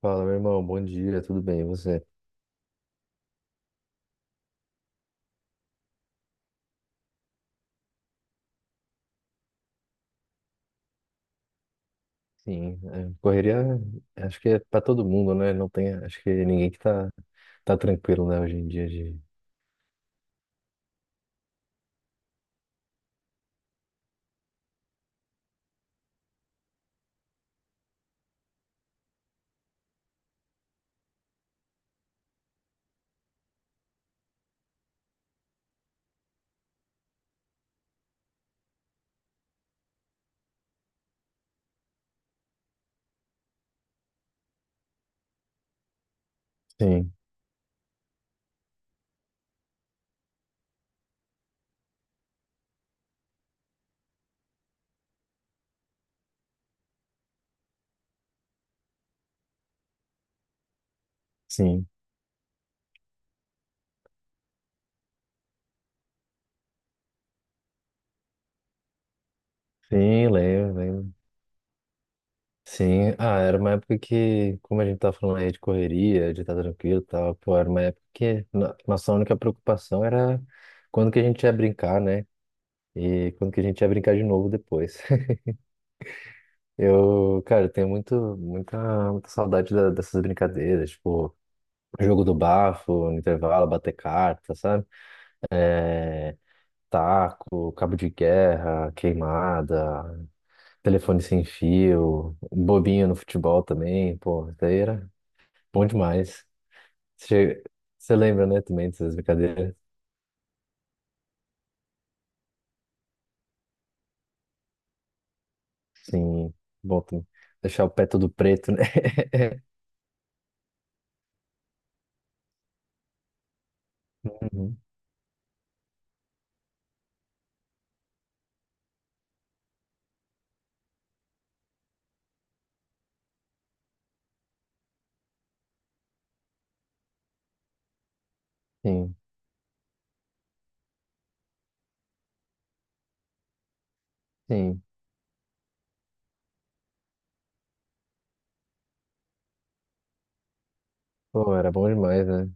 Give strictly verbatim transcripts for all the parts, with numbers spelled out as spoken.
Fala, meu irmão, bom dia, tudo bem, e você? Sim, é, correria, acho que é para todo mundo, né? Não tem, acho que ninguém que tá, tá tranquilo, né, hoje em dia de... Sim, sim, sim, lembro, lembro. Sim, ah, era uma época que, como a gente tá falando aí de correria, de estar tranquilo e tal, pô, era uma época que no- nossa única preocupação era quando que a gente ia brincar, né? E quando que a gente ia brincar de novo depois. Eu, cara, eu tenho muito, muita, muita saudade da- dessas brincadeiras, tipo... Jogo do bafo, no intervalo, bater carta, sabe? É, taco, cabo de guerra, queimada, telefone sem fio, bobinha no futebol também, pô, isso daí era bom demais. Você, você lembra, né, também dessas brincadeiras? Sim, bom também. Deixar o pé todo preto, né? Uhum, sim, sim. Pô, era bom demais, né?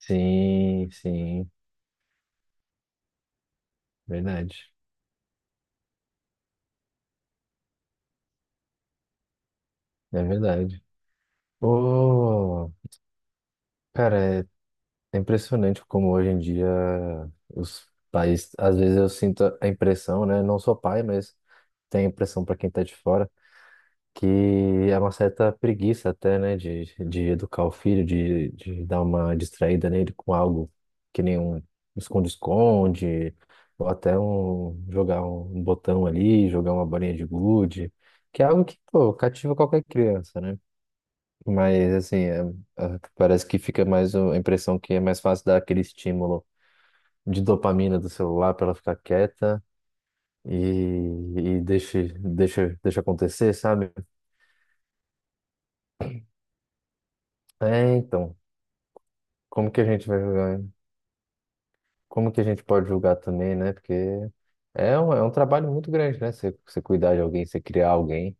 Sim, sim, verdade. É verdade. Pô, cara, é é impressionante como hoje em dia os pais, às vezes eu sinto a impressão, né? Não sou pai, mas tenho a impressão para quem tá de fora, que é uma certa preguiça até, né? De, de educar o filho, de, de dar uma distraída nele com algo que nem um esconde-esconde, ou até um jogar um botão ali, jogar uma bolinha de gude, que é algo que, pô, cativa qualquer criança, né? Mas, assim, é- é- parece que fica mais o- a impressão que é mais fácil dar aquele estímulo de dopamina do celular para ela ficar quieta e, e deixe, deixa, deixa acontecer, sabe? É, então, como que a gente vai julgar, hein? Como que a gente pode julgar também, né? Porque é um, é um trabalho muito grande, né? Você, você cuidar de alguém, você criar alguém.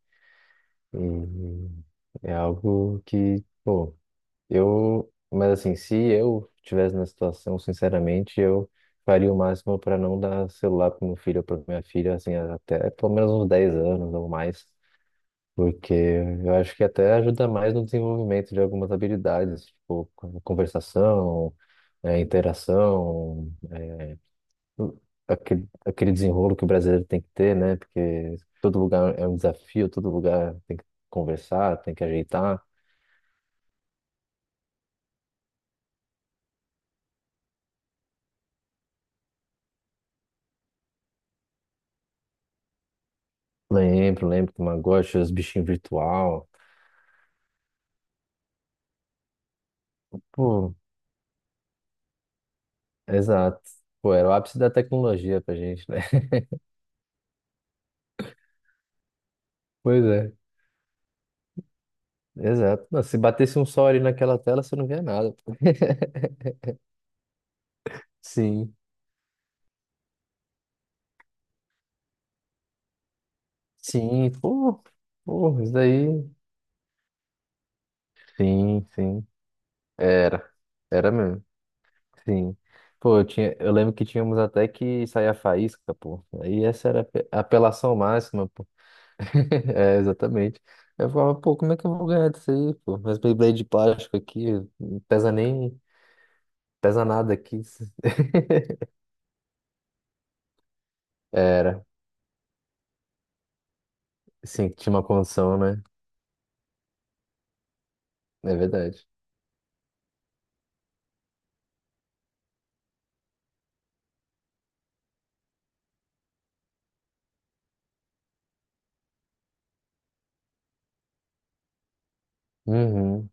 E é algo que, pô, eu. Mas assim, se eu estivesse na situação, sinceramente, eu faria o máximo para não dar celular para meu filho ou para minha filha, assim, até pelo menos uns dez anos ou mais. Porque eu acho que até ajuda mais no desenvolvimento de algumas habilidades, tipo con- conversação, eh, interação, o- aquele, aquele desenrolo que o brasileiro tem que ter, né? Porque todo lugar é um desafio, todo lugar tem que conversar, tem que ajeitar. Lembro, lembro que Tamagotchi, os bichinhos virtual. Pô, exato. Pô, era o ápice da tecnologia pra gente, né? Pois é, exato. Não, se batesse um sol ali naquela tela, você não via nada. Sim. Sim, pô, pô, isso daí. Sim, sim. Era. Era mesmo. Sim. Pô, eu tinha, eu lembro que tínhamos até que sair a faísca, pô. Aí essa era a ape- a apelação máxima, pô. É, exatamente. Eu falava, pô, como é que eu vou ganhar disso aí, pô? Mas Beyblade de plástico aqui, não pesa nem, pesa nada aqui. Era. Sim, tinha uma condição, né? É verdade. Uhum,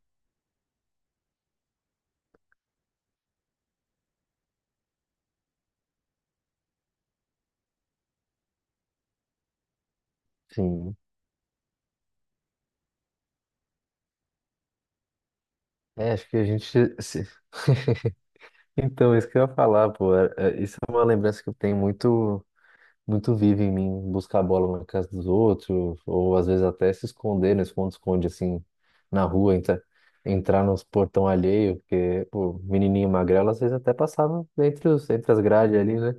sim. É, acho que a gente se... Então, isso que eu ia falar, pô, é- é- isso é uma lembrança que eu tenho muito, muito viva em mim, buscar a bola na casa dos outros, ou às vezes até se esconder no esconde-esconde, assim, na rua, entra, entrar nos portão alheio, porque, pô, menininho magrelo, às vezes até passava entre os, entre as grades ali, né?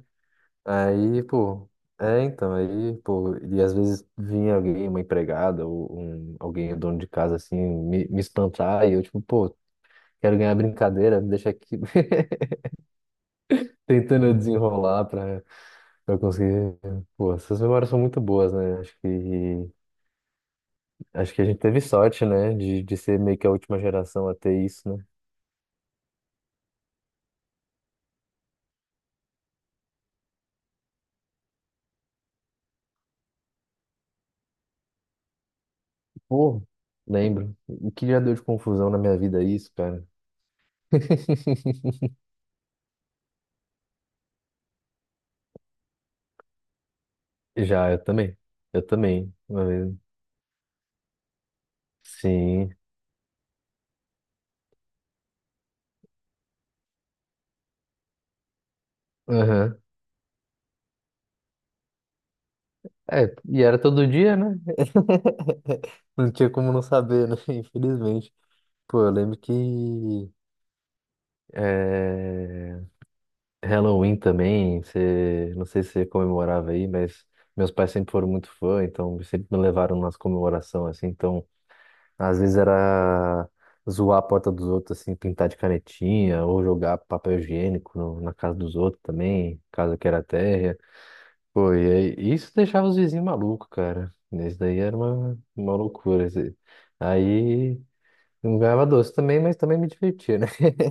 Aí, pô, é, então, aí, pô, e às vezes vinha alguém, uma empregada, ou um, alguém, dono de casa, assim, me, me espantar, e eu, tipo, pô, quero ganhar brincadeira, me deixa aqui. Tentando desenrolar para eu conseguir. Pô, essas memórias são muito boas, né? Acho que acho que a gente teve sorte, né, de, de ser meio que a última geração a ter isso, né? Pô, lembro. O que já deu de confusão na minha vida é isso, cara. Já, eu também. Eu também. Uma vez. Sim. Aham. É, e era todo dia, né? Não tinha como não saber, né? Infelizmente. Pô, eu lembro que. Eh, Halloween também, você, não sei se você comemorava aí, mas meus pais sempre foram muito fã, então sempre me levaram nas comemorações, assim, então às vezes era zoar a porta dos outros, assim, pintar de canetinha, ou jogar papel higiênico no- na casa dos outros também, casa que era térrea, pô, e aí, e isso deixava os vizinhos malucos, cara, isso daí era uma, uma loucura, assim. Aí não ganhava doce também, mas também me divertia, né?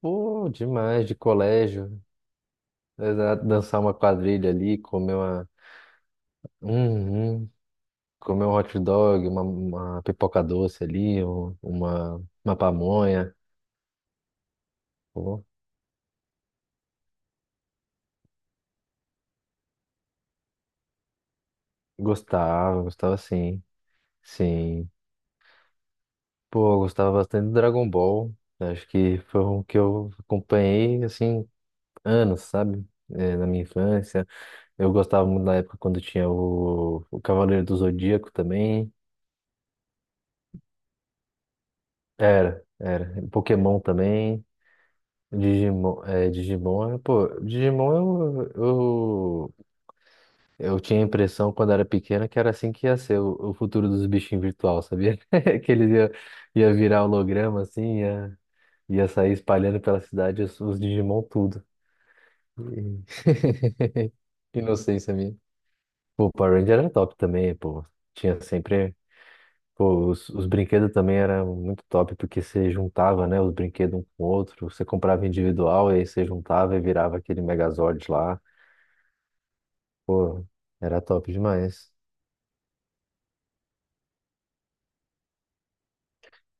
Pô, demais, de colégio. Exato, dançar uma quadrilha ali, comer uma. Uhum. Comer um hot dog, uma, uma pipoca doce ali, um- uma, uma pamonha. Pô, gostava, gostava sim. Sim. Pô, eu gostava bastante do Dragon Ball. Acho que foi um que eu acompanhei, assim, anos, sabe? É, na minha infância. Eu gostava muito da época quando tinha o, o Cavaleiro do Zodíaco também. Era, era. Pokémon também. Digimon, é, Digimon, é- pô, Digimon eu, eu, eu tinha a impressão quando era pequena que era assim que ia ser o, o futuro dos bichinhos virtual, sabia? Que eles ia, ia virar holograma assim, ia, ia sair espalhando pela cidade os, os Digimon tudo. E- Inocência minha. Pô, Power Ranger era top também, pô. Tinha sempre, pô, os, os brinquedos também eram muito top porque você juntava, né, os brinquedos um com o outro, você comprava individual e aí você juntava e virava aquele Megazord lá. Pô, era top demais.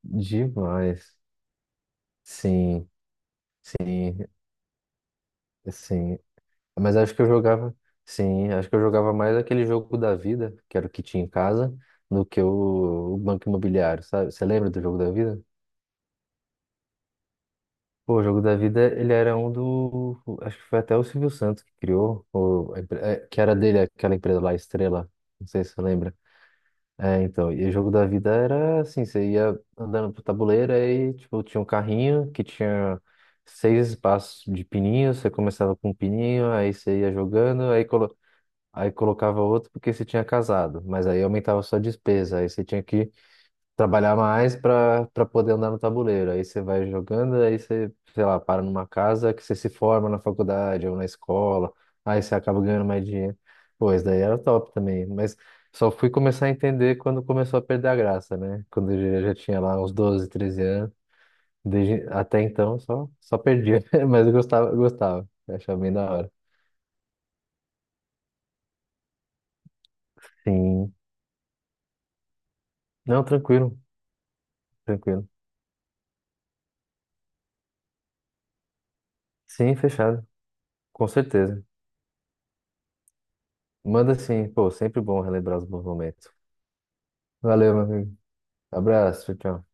Demais. Sim, sim, sim. Mas acho que eu jogava, sim, acho que eu jogava mais aquele jogo da vida, que era o que tinha em casa, do que o, o Banco Imobiliário, sabe? Você lembra do jogo da vida? Pô, o jogo da vida, ele era um do, acho que foi até o Silvio Santos que criou, ou, a empre- é, que era dele, aquela empresa lá, Estrela. Não sei se você lembra. É, então, e o jogo da vida era assim, você ia andando pro tabuleiro, aí, tipo, tinha um carrinho que tinha seis espaços de pininho, você começava com um pininho, aí você ia jogando, aí, colo aí colocava outro porque você tinha casado, mas aí aumentava a sua despesa, aí você tinha que trabalhar mais para para poder andar no tabuleiro. Aí você vai jogando, aí você, sei lá, para numa casa que você se forma na faculdade ou na escola, aí você acaba ganhando mais dinheiro. Pô, isso daí era top também, mas só fui começar a entender quando começou a perder a graça, né? Quando eu já já tinha lá uns doze treze anos. Desde, até então só só perdia, mas eu gostava, eu gostava, eu achava bem da hora. Sim. Não, tranquilo, tranquilo. Sim, fechado, com certeza. Manda sim, pô, sempre bom relembrar os bons momentos. Valeu, meu amigo. Abraço, tchau, tchau.